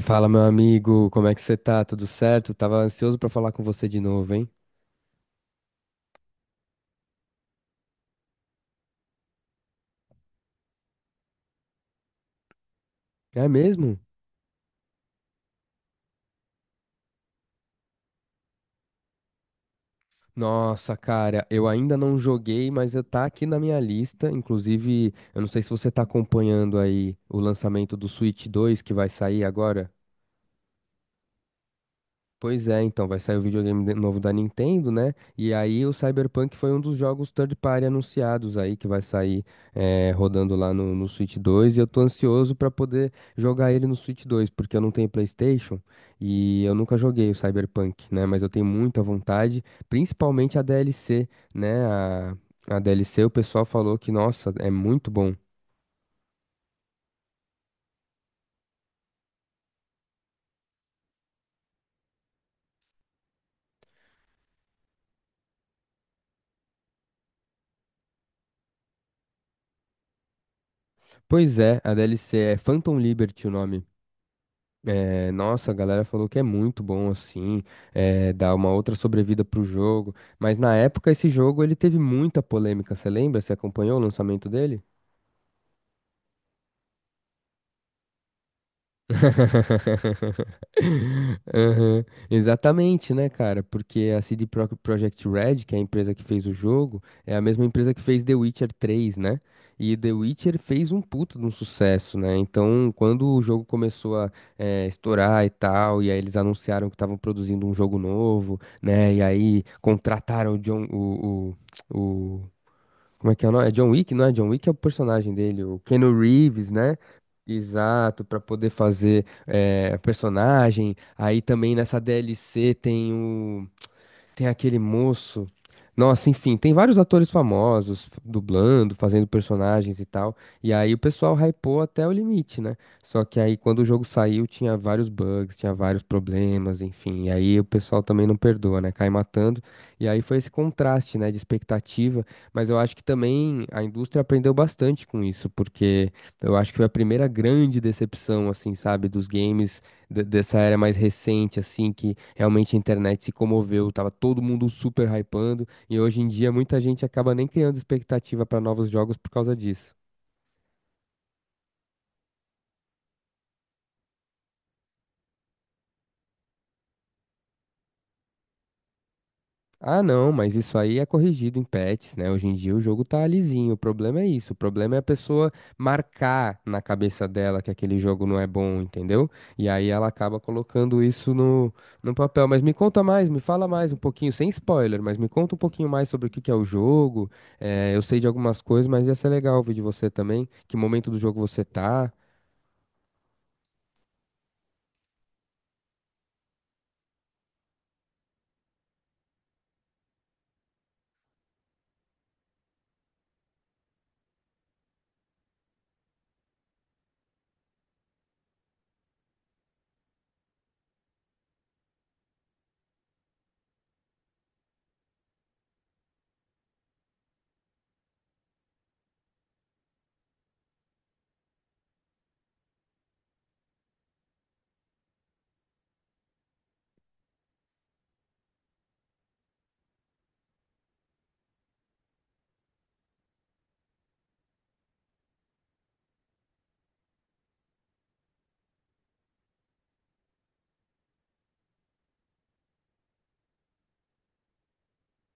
Fala, meu amigo, como é que você tá? Tudo certo? Tava ansioso pra falar com você de novo, hein? É mesmo? Nossa, cara, eu ainda não joguei, mas eu tá aqui na minha lista. Inclusive, eu não sei se você tá acompanhando aí o lançamento do Switch 2 que vai sair agora. Pois é, então vai sair o videogame novo da Nintendo, né? E aí o Cyberpunk foi um dos jogos third party anunciados aí que vai sair rodando lá no Switch 2. E eu tô ansioso pra poder jogar ele no Switch 2 porque eu não tenho PlayStation e eu nunca joguei o Cyberpunk, né? Mas eu tenho muita vontade, principalmente a DLC, né? A DLC o pessoal falou que, nossa, é muito bom. Pois é, a DLC é Phantom Liberty o nome. É, nossa, a galera falou que é muito bom assim, é, dá uma outra sobrevida pro jogo. Mas na época esse jogo ele teve muita polêmica, você lembra? Você acompanhou o lançamento dele? Aham, exatamente, né, cara? Porque a CD Projekt Red, que é a empresa que fez o jogo, é a mesma empresa que fez The Witcher 3, né? E The Witcher fez um puto de um sucesso, né? Então, quando o jogo começou a estourar e tal, e aí eles anunciaram que estavam produzindo um jogo novo, né? E aí contrataram o John, o, como é que é o nome? É John Wick, não é? John Wick é o personagem dele, o Keanu Reeves, né? Exato, para poder fazer personagem. Aí também nessa DLC tem aquele moço. Nossa, enfim, tem vários atores famosos dublando, fazendo personagens e tal. E aí o pessoal hypou até o limite, né? Só que aí quando o jogo saiu tinha vários bugs, tinha vários problemas, enfim. E aí o pessoal também não perdoa, né? Cai matando. E aí foi esse contraste, né, de expectativa. Mas eu acho que também a indústria aprendeu bastante com isso, porque eu acho que foi a primeira grande decepção, assim, sabe, dos games dessa era mais recente, assim, que realmente a internet se comoveu, tava todo mundo super hypando, e hoje em dia muita gente acaba nem criando expectativa para novos jogos por causa disso. Ah, não, mas isso aí é corrigido em patches, né? Hoje em dia o jogo tá lisinho. O problema é isso. O problema é a pessoa marcar na cabeça dela que aquele jogo não é bom, entendeu? E aí ela acaba colocando isso no papel. Mas me conta mais, me fala mais um pouquinho, sem spoiler, mas me conta um pouquinho mais sobre o que que é o jogo. Eu sei de algumas coisas, mas ia ser legal ouvir de você também. Que momento do jogo você tá?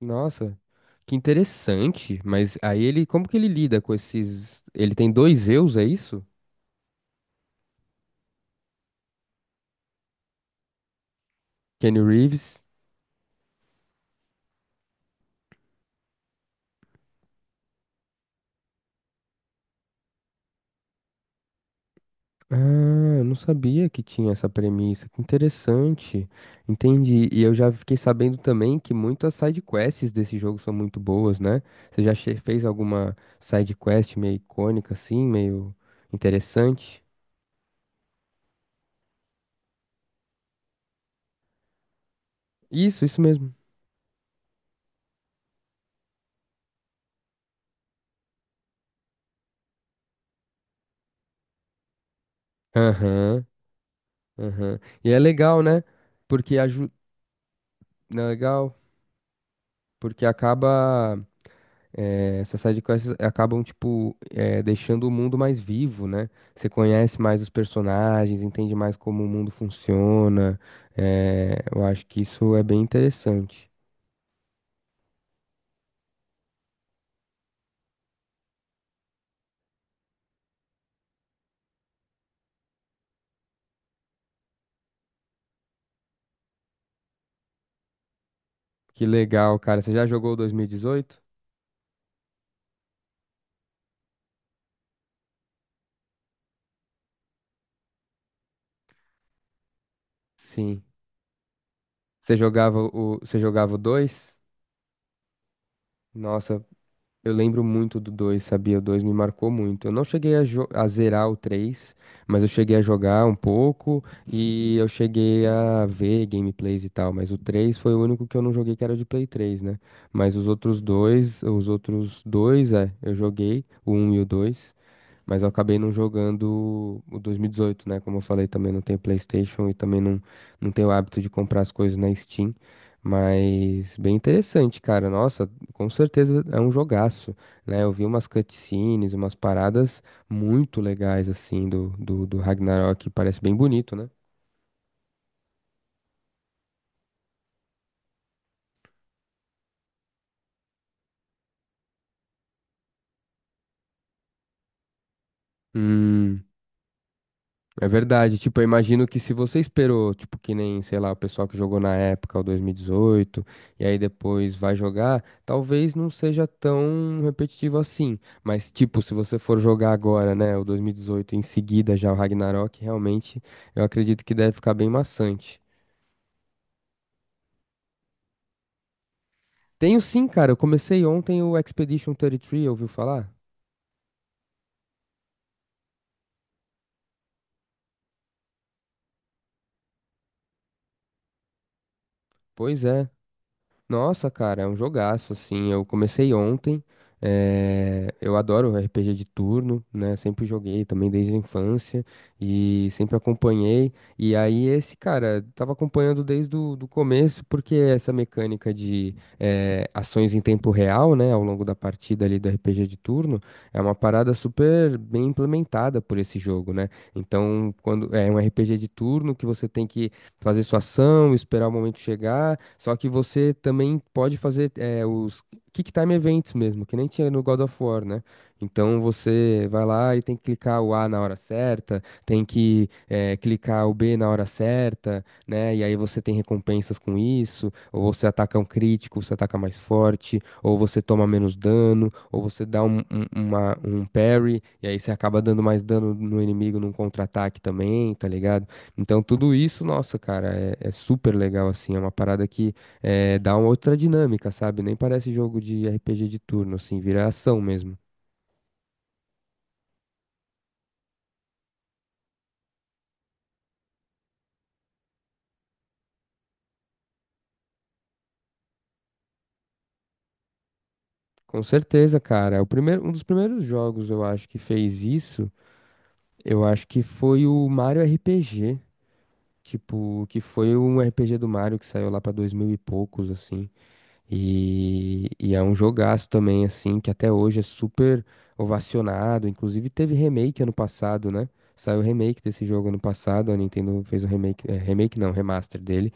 Nossa. Que interessante, mas aí ele, como que ele lida com esses? Ele tem dois eus, é isso? Kenny Reeves. Ah, eu não sabia que tinha essa premissa. Que interessante. Entendi. E eu já fiquei sabendo também que muitas side quests desse jogo são muito boas, né? Você já fez alguma side quest meio icônica assim, meio interessante? Isso mesmo. Aham, aham. E é legal, né? Porque ajuda. Legal. Porque acaba. Essas sidequests acabam, tipo, deixando o mundo mais vivo, né? Você conhece mais os personagens, entende mais como o mundo funciona. Eu acho que isso é bem interessante. Que legal, cara. Você já jogou o 2018? Sim. Você jogava o 2? Nossa, eu lembro muito do 2, sabia? O 2 me marcou muito. Eu não cheguei a, a zerar o 3, mas eu cheguei a jogar um pouco e eu cheguei a ver gameplays e tal. Mas o 3 foi o único que eu não joguei que era de Play 3, né? Mas os outros dois, é, eu joguei, o um e o 2. Mas eu acabei não jogando o 2018, né? Como eu falei, também não tenho PlayStation e também não tenho o hábito de comprar as coisas na Steam. Mas bem interessante, cara. Nossa, com certeza é um jogaço, né? Eu vi umas cutscenes, umas paradas muito legais, assim, do Ragnarok. Parece bem bonito, né? Hum. É verdade, tipo, eu imagino que se você esperou, tipo, que nem, sei lá, o pessoal que jogou na época, o 2018, e dezoito, e aí depois vai jogar, talvez não seja tão repetitivo assim. Mas, tipo, se você for jogar agora, né, o 2018, em seguida já o Ragnarok, realmente, eu acredito que deve ficar bem maçante. Tenho sim, cara, eu comecei ontem o Expedition 33, ouviu falar? Pois é. Nossa, cara, é um jogaço, assim, eu comecei ontem, eu adoro RPG de turno, né, sempre joguei também desde a infância e sempre acompanhei, e aí esse, cara, tava acompanhando desde o do começo, porque essa mecânica de ações em tempo real, né, ao longo da partida ali do RPG de turno, é uma parada super bem implementada por esse jogo, né, então, quando é um RPG de turno que você tem que fazer sua ação, esperar o momento chegar. Só que você também pode fazer os Kick Time Events mesmo, que nem tinha no God of War, né? Então você vai lá e tem que clicar o A na hora certa, tem que clicar o B na hora certa, né? E aí você tem recompensas com isso, ou você ataca um crítico, você ataca mais forte, ou você toma menos dano, ou você dá um parry, e aí você acaba dando mais dano no inimigo num contra-ataque também, tá ligado? Então, tudo isso, nossa, cara, é, é super legal, assim, é uma parada que dá uma outra dinâmica, sabe? Nem parece jogo de RPG de turno, assim, vira ação mesmo. Com certeza, cara, é o primeiro, um dos primeiros jogos, eu acho, que fez isso, eu acho que foi o Mario RPG, tipo, que foi um RPG do Mario que saiu lá pra 2000 e poucos, assim. E é um jogaço também, assim, que até hoje é super ovacionado. Inclusive teve remake ano passado, né? Saiu remake desse jogo ano passado, a Nintendo fez o remake, é, remake não, remaster dele.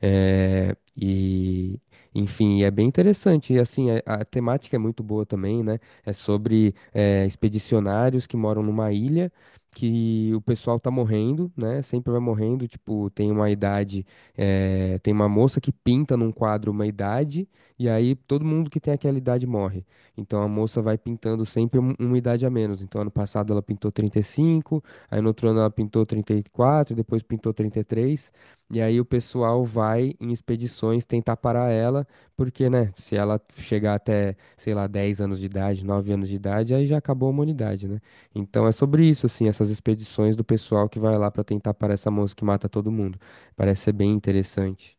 É, e, enfim, é bem interessante. E assim, a temática é muito boa também, né? É sobre é, expedicionários que moram numa ilha que o pessoal tá morrendo, né? Sempre vai morrendo. Tipo, tem uma idade, é, tem uma moça que pinta num quadro uma idade, e aí todo mundo que tem aquela idade morre. Então a moça vai pintando sempre uma idade a menos. Então ano passado ela pintou 35, aí no outro ano ela pintou 34, depois pintou 33, e aí o pessoal vai em expedições tentar parar ela, porque, né, se ela chegar até, sei lá, 10 anos de idade, 9 anos de idade, aí já acabou a humanidade, né? Então é sobre isso, assim, essas expedições do pessoal que vai lá pra tentar parar essa moça que mata todo mundo. Parece ser bem interessante.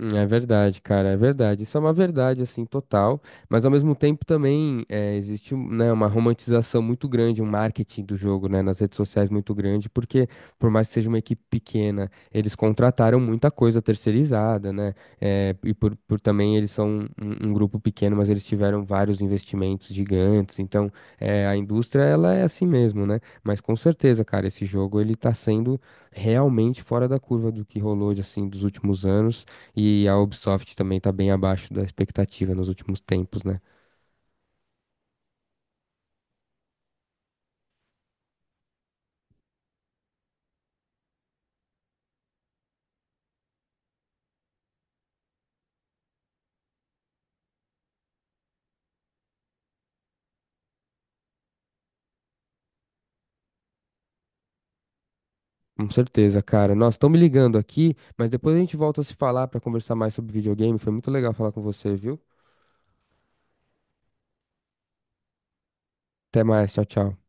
É verdade, cara, é verdade. Isso é uma verdade, assim, total. Mas ao mesmo tempo também é, existe, né, uma romantização muito grande, um marketing do jogo, né, nas redes sociais muito grande, porque por mais que seja uma equipe pequena, eles contrataram muita coisa terceirizada, né? É, e por também eles são um grupo pequeno, mas eles tiveram vários investimentos gigantes. Então, é, a indústria, ela é assim mesmo, né? Mas com certeza, cara, esse jogo ele tá sendo realmente fora da curva do que rolou, de, assim, dos últimos anos. E a Ubisoft também tá bem abaixo da expectativa nos últimos tempos, né? Com certeza, cara. Nossa, estão me ligando aqui, mas depois a gente volta a se falar pra conversar mais sobre videogame. Foi muito legal falar com você, viu? Até mais, tchau, tchau.